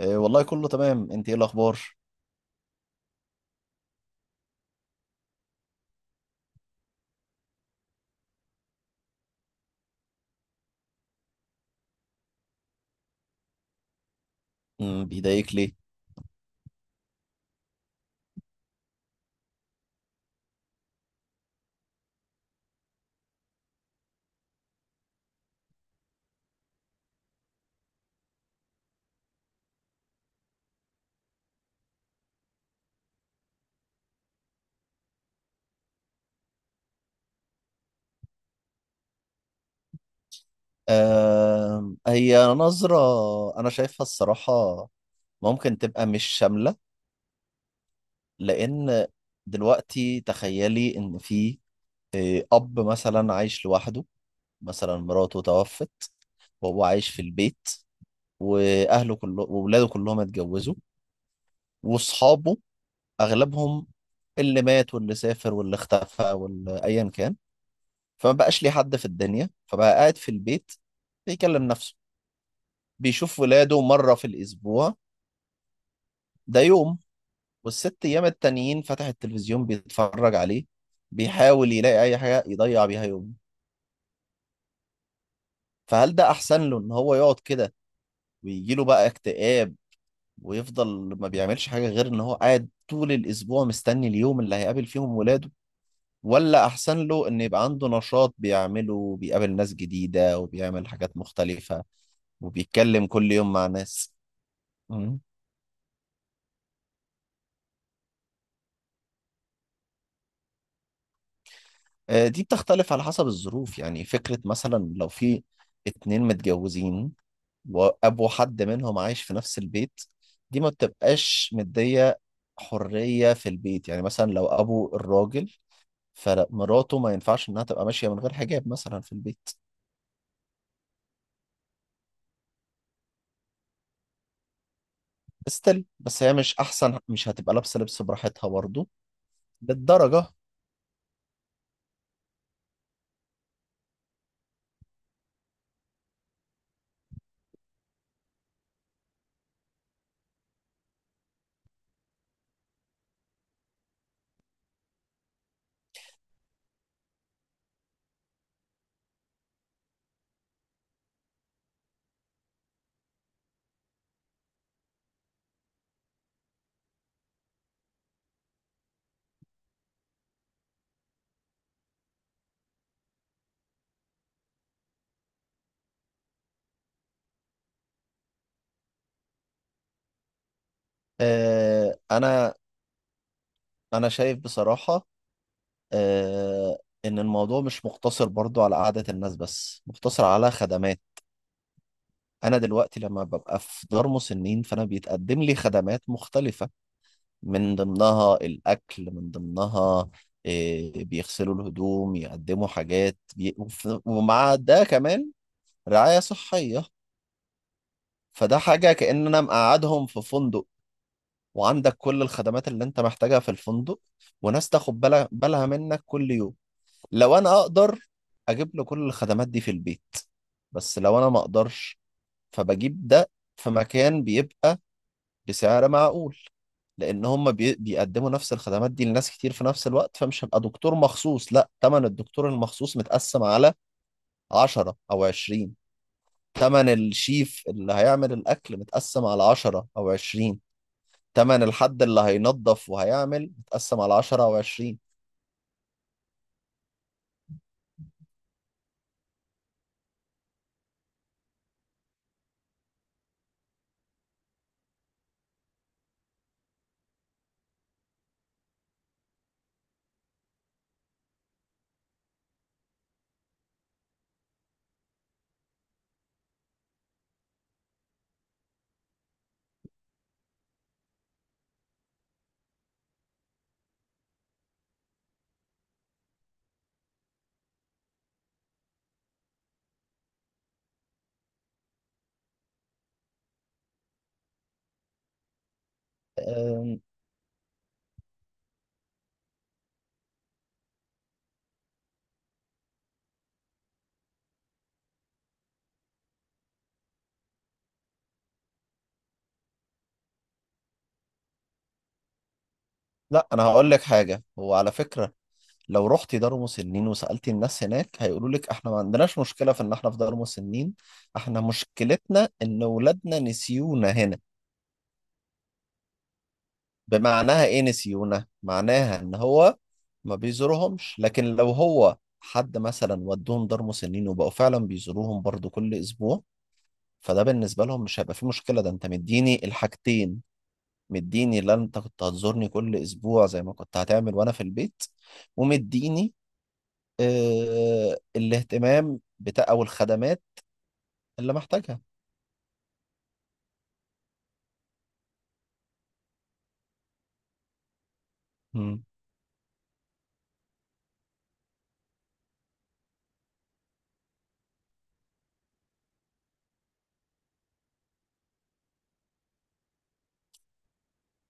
آه، والله كله تمام، انت ايه الاخبار؟ بيضايقك ليه؟ آه، هي نظرة انا شايفها الصراحة، ممكن تبقى مش شاملة، لان دلوقتي تخيلي ان في اب مثلا عايش لوحده، مثلا مراته توفت وهو عايش في البيت، واهله كله وولاده كلهم اتجوزوا، واصحابه اغلبهم، اللي مات واللي سافر واللي اختفى واللي ايا كان، فما بقاش ليه حد في الدنيا، فبقى قاعد في البيت بيكلم نفسه، بيشوف ولاده مرة في الأسبوع، ده يوم، والست أيام التانيين فتح التلفزيون بيتفرج عليه، بيحاول يلاقي أي حاجة يضيع بيها يومه. فهل ده أحسن له إن هو يقعد كده ويجيله بقى اكتئاب ويفضل ما بيعملش حاجة غير إن هو قاعد طول الأسبوع مستني اليوم اللي هيقابل فيهم ولاده؟ ولا أحسن له إن يبقى عنده نشاط بيعمله وبيقابل ناس جديدة وبيعمل حاجات مختلفة وبيتكلم كل يوم مع ناس؟ مم. دي بتختلف على حسب الظروف، يعني فكرة مثلا لو في اتنين متجوزين وأبو حد منهم عايش في نفس البيت، دي ما بتبقاش مدية حرية في البيت. يعني مثلا لو أبو الراجل، فمراته ما ينفعش إنها تبقى ماشية من غير حجاب مثلا في البيت. استل بس هي مش أحسن، مش هتبقى لابسة لبس براحتها برضه للدرجة. آه، أنا أنا شايف بصراحة، آه ان الموضوع مش مقتصر برضو على قعدة الناس بس، مقتصر على خدمات. انا دلوقتي لما ببقى في دار مسنين فانا بيتقدم لي خدمات مختلفة، من ضمنها الاكل، من ضمنها بيغسلوا الهدوم، يقدموا حاجات ومع ده كمان رعاية صحية. فده حاجة كأن انا مقعدهم في فندق، وعندك كل الخدمات اللي انت محتاجها في الفندق، وناس تاخد بالها منك كل يوم. لو انا اقدر اجيب له كل الخدمات دي في البيت، بس لو انا ما اقدرش فبجيب ده في مكان بيبقى بسعر معقول، لان هم بيقدموا نفس الخدمات دي لناس كتير في نفس الوقت، فمش هبقى دكتور مخصوص، لا تمن الدكتور المخصوص متقسم على 10 او 20، تمن الشيف اللي هيعمل الاكل متقسم على 10 او 20، تمن الحد اللي هينظف وهيعمل متقسم على 10 او 20. أم، لا انا هقول لك حاجة، هو على فكرة لو رحتي دار مسنين وسألتي الناس هناك هيقولوا لك احنا ما عندناش مشكلة في ان احنا في دار مسنين، احنا مشكلتنا ان ولادنا نسيونا هنا. بمعناها ايه نسيونا؟ معناها ان هو ما بيزورهمش. لكن لو هو حد مثلا ودوهم دار مسنين وبقوا فعلا بيزوروهم برضو كل اسبوع، فده بالنسبة لهم مش هيبقى فيه مشكلة. ده انت مديني الحاجتين، مديني اللي انت كنت هتزورني كل اسبوع زي ما كنت هتعمل وانا في البيت، ومديني الاهتمام بتاع او الخدمات اللي محتاجها. مم.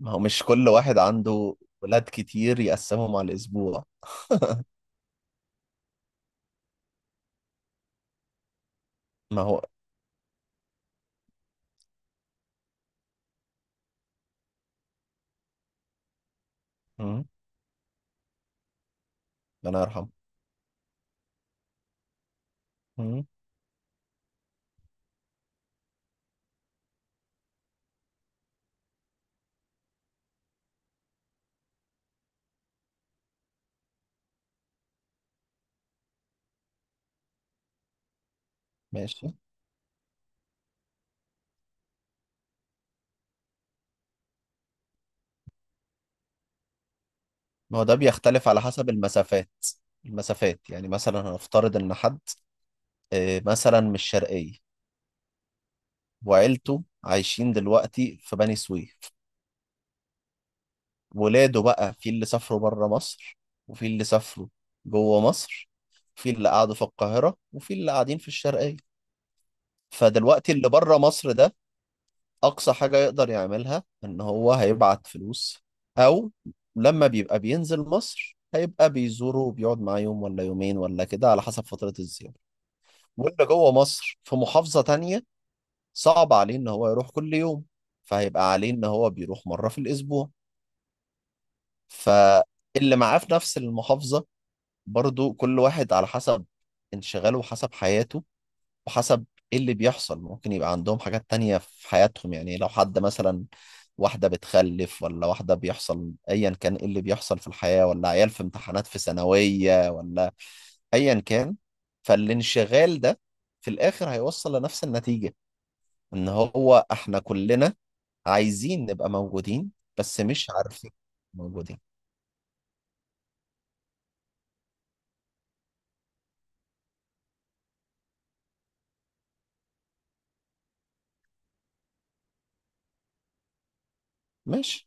ما هو مش كل واحد عنده ولاد كتير يقسمهم على الاسبوع. ما هو. مم. الله يرحمه. مم. ماشي. ما هو ده بيختلف على حسب المسافات، المسافات يعني مثلا هنفترض ان حد مثلا من الشرقية وعيلته عايشين دلوقتي في بني سويف، ولاده بقى في اللي سافروا بره مصر وفي اللي سافروا جوه مصر، في اللي قعدوا في القاهرة وفي اللي قاعدين في الشرقية. فدلوقتي اللي بره مصر ده اقصى حاجة يقدر يعملها ان هو هيبعت فلوس، او لما بيبقى بينزل مصر هيبقى بيزوره وبيقعد معاه يوم ولا يومين ولا كده على حسب فترة الزيارة. واللي جوه مصر في محافظة تانية صعب عليه ان هو يروح كل يوم، فهيبقى عليه ان هو بيروح مرة في الاسبوع. فاللي معاه في نفس المحافظة برضو كل واحد على حسب انشغاله وحسب حياته وحسب ايه اللي بيحصل، ممكن يبقى عندهم حاجات تانية في حياتهم، يعني لو حد مثلا واحدة بتخلف ولا واحدة بيحصل ايا كان ايه اللي بيحصل في الحياة، ولا عيال في امتحانات في ثانوية ولا ايا كان. فالانشغال ده في الاخر هيوصل لنفس النتيجة، ان هو احنا كلنا عايزين نبقى موجودين بس مش عارفين موجودين. ماشي.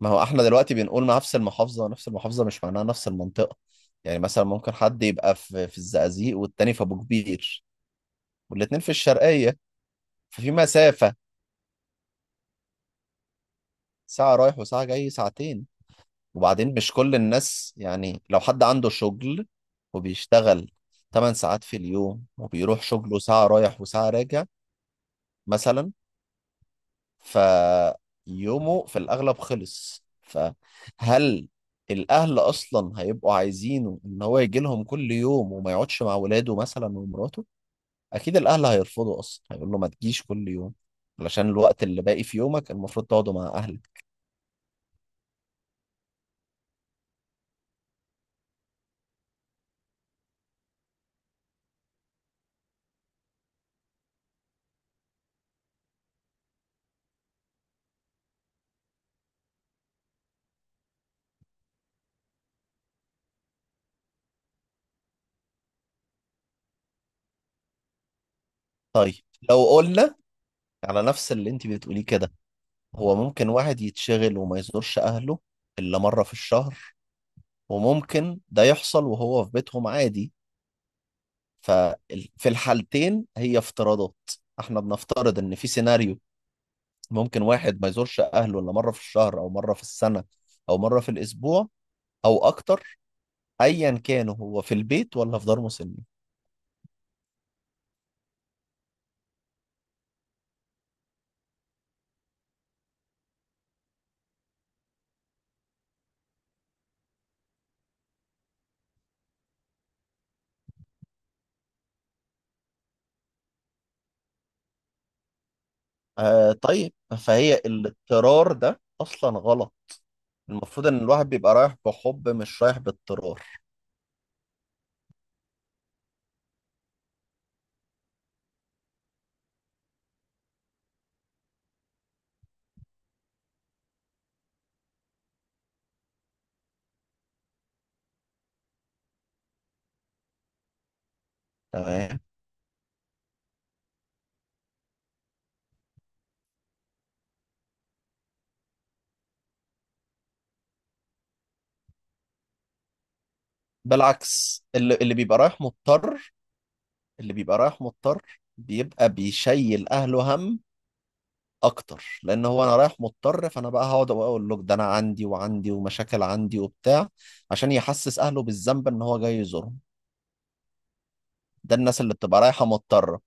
ما هو احنا دلوقتي بنقول نفس المحافظة، نفس المحافظة مش معناها نفس المنطقة، يعني مثلا ممكن حد يبقى في الزقازيق والتاني في أبو كبير والاتنين في الشرقية، ففي مسافة ساعة رايح وساعة جاي، ساعتين. وبعدين مش كل الناس، يعني لو حد عنده شغل وبيشتغل 8 ساعات في اليوم وبيروح شغله ساعة رايح وساعة راجع مثلا، فيومه في الأغلب خلص. فهل الأهل أصلا هيبقوا عايزينه إن هو يجي لهم كل يوم وما يقعدش مع ولاده مثلا ومراته؟ أكيد الأهل هيرفضوا، أصلا هيقول له ما تجيش كل يوم، علشان الوقت اللي باقي في يومك المفروض تقعده مع أهلك. طيب، لو قلنا على نفس اللي أنت بتقوليه كده، هو ممكن واحد يتشغل وما يزورش أهله إلا مرة في الشهر، وممكن ده يحصل وهو في بيتهم عادي. ففي الحالتين هي افتراضات، احنا بنفترض ان في سيناريو ممكن واحد ما يزورش اهله الا مره في الشهر او مره في السنه او مره في الاسبوع او اكتر، ايا كان هو في البيت ولا في دار مسنين. آه، طيب، فهي الاضطرار ده اصلا غلط، المفروض ان الواحد بيبقى رايح بحب مش رايح باضطرار. تمام. بالعكس اللي بيبقى رايح مضطر، اللي بيبقى رايح مضطر بيبقى بيشيل اهله هم اكتر، لان هو انا رايح مضطر، فانا بقى هقعد اقول له ده انا عندي وعندي ومشاكل عندي وبتاع، عشان يحسس اهله بالذنب ان هو جاي يزورهم، ده الناس اللي بتبقى رايحه مضطره.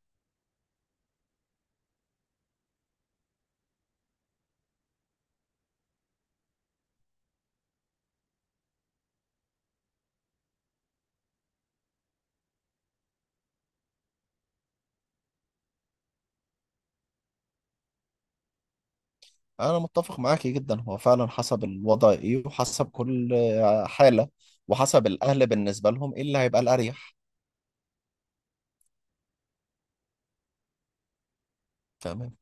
انا متفق معاكي جدا، هو فعلا حسب الوضع ايه وحسب كل حاله، وحسب الاهل بالنسبه لهم ايه اللي هيبقى الاريح. تمام.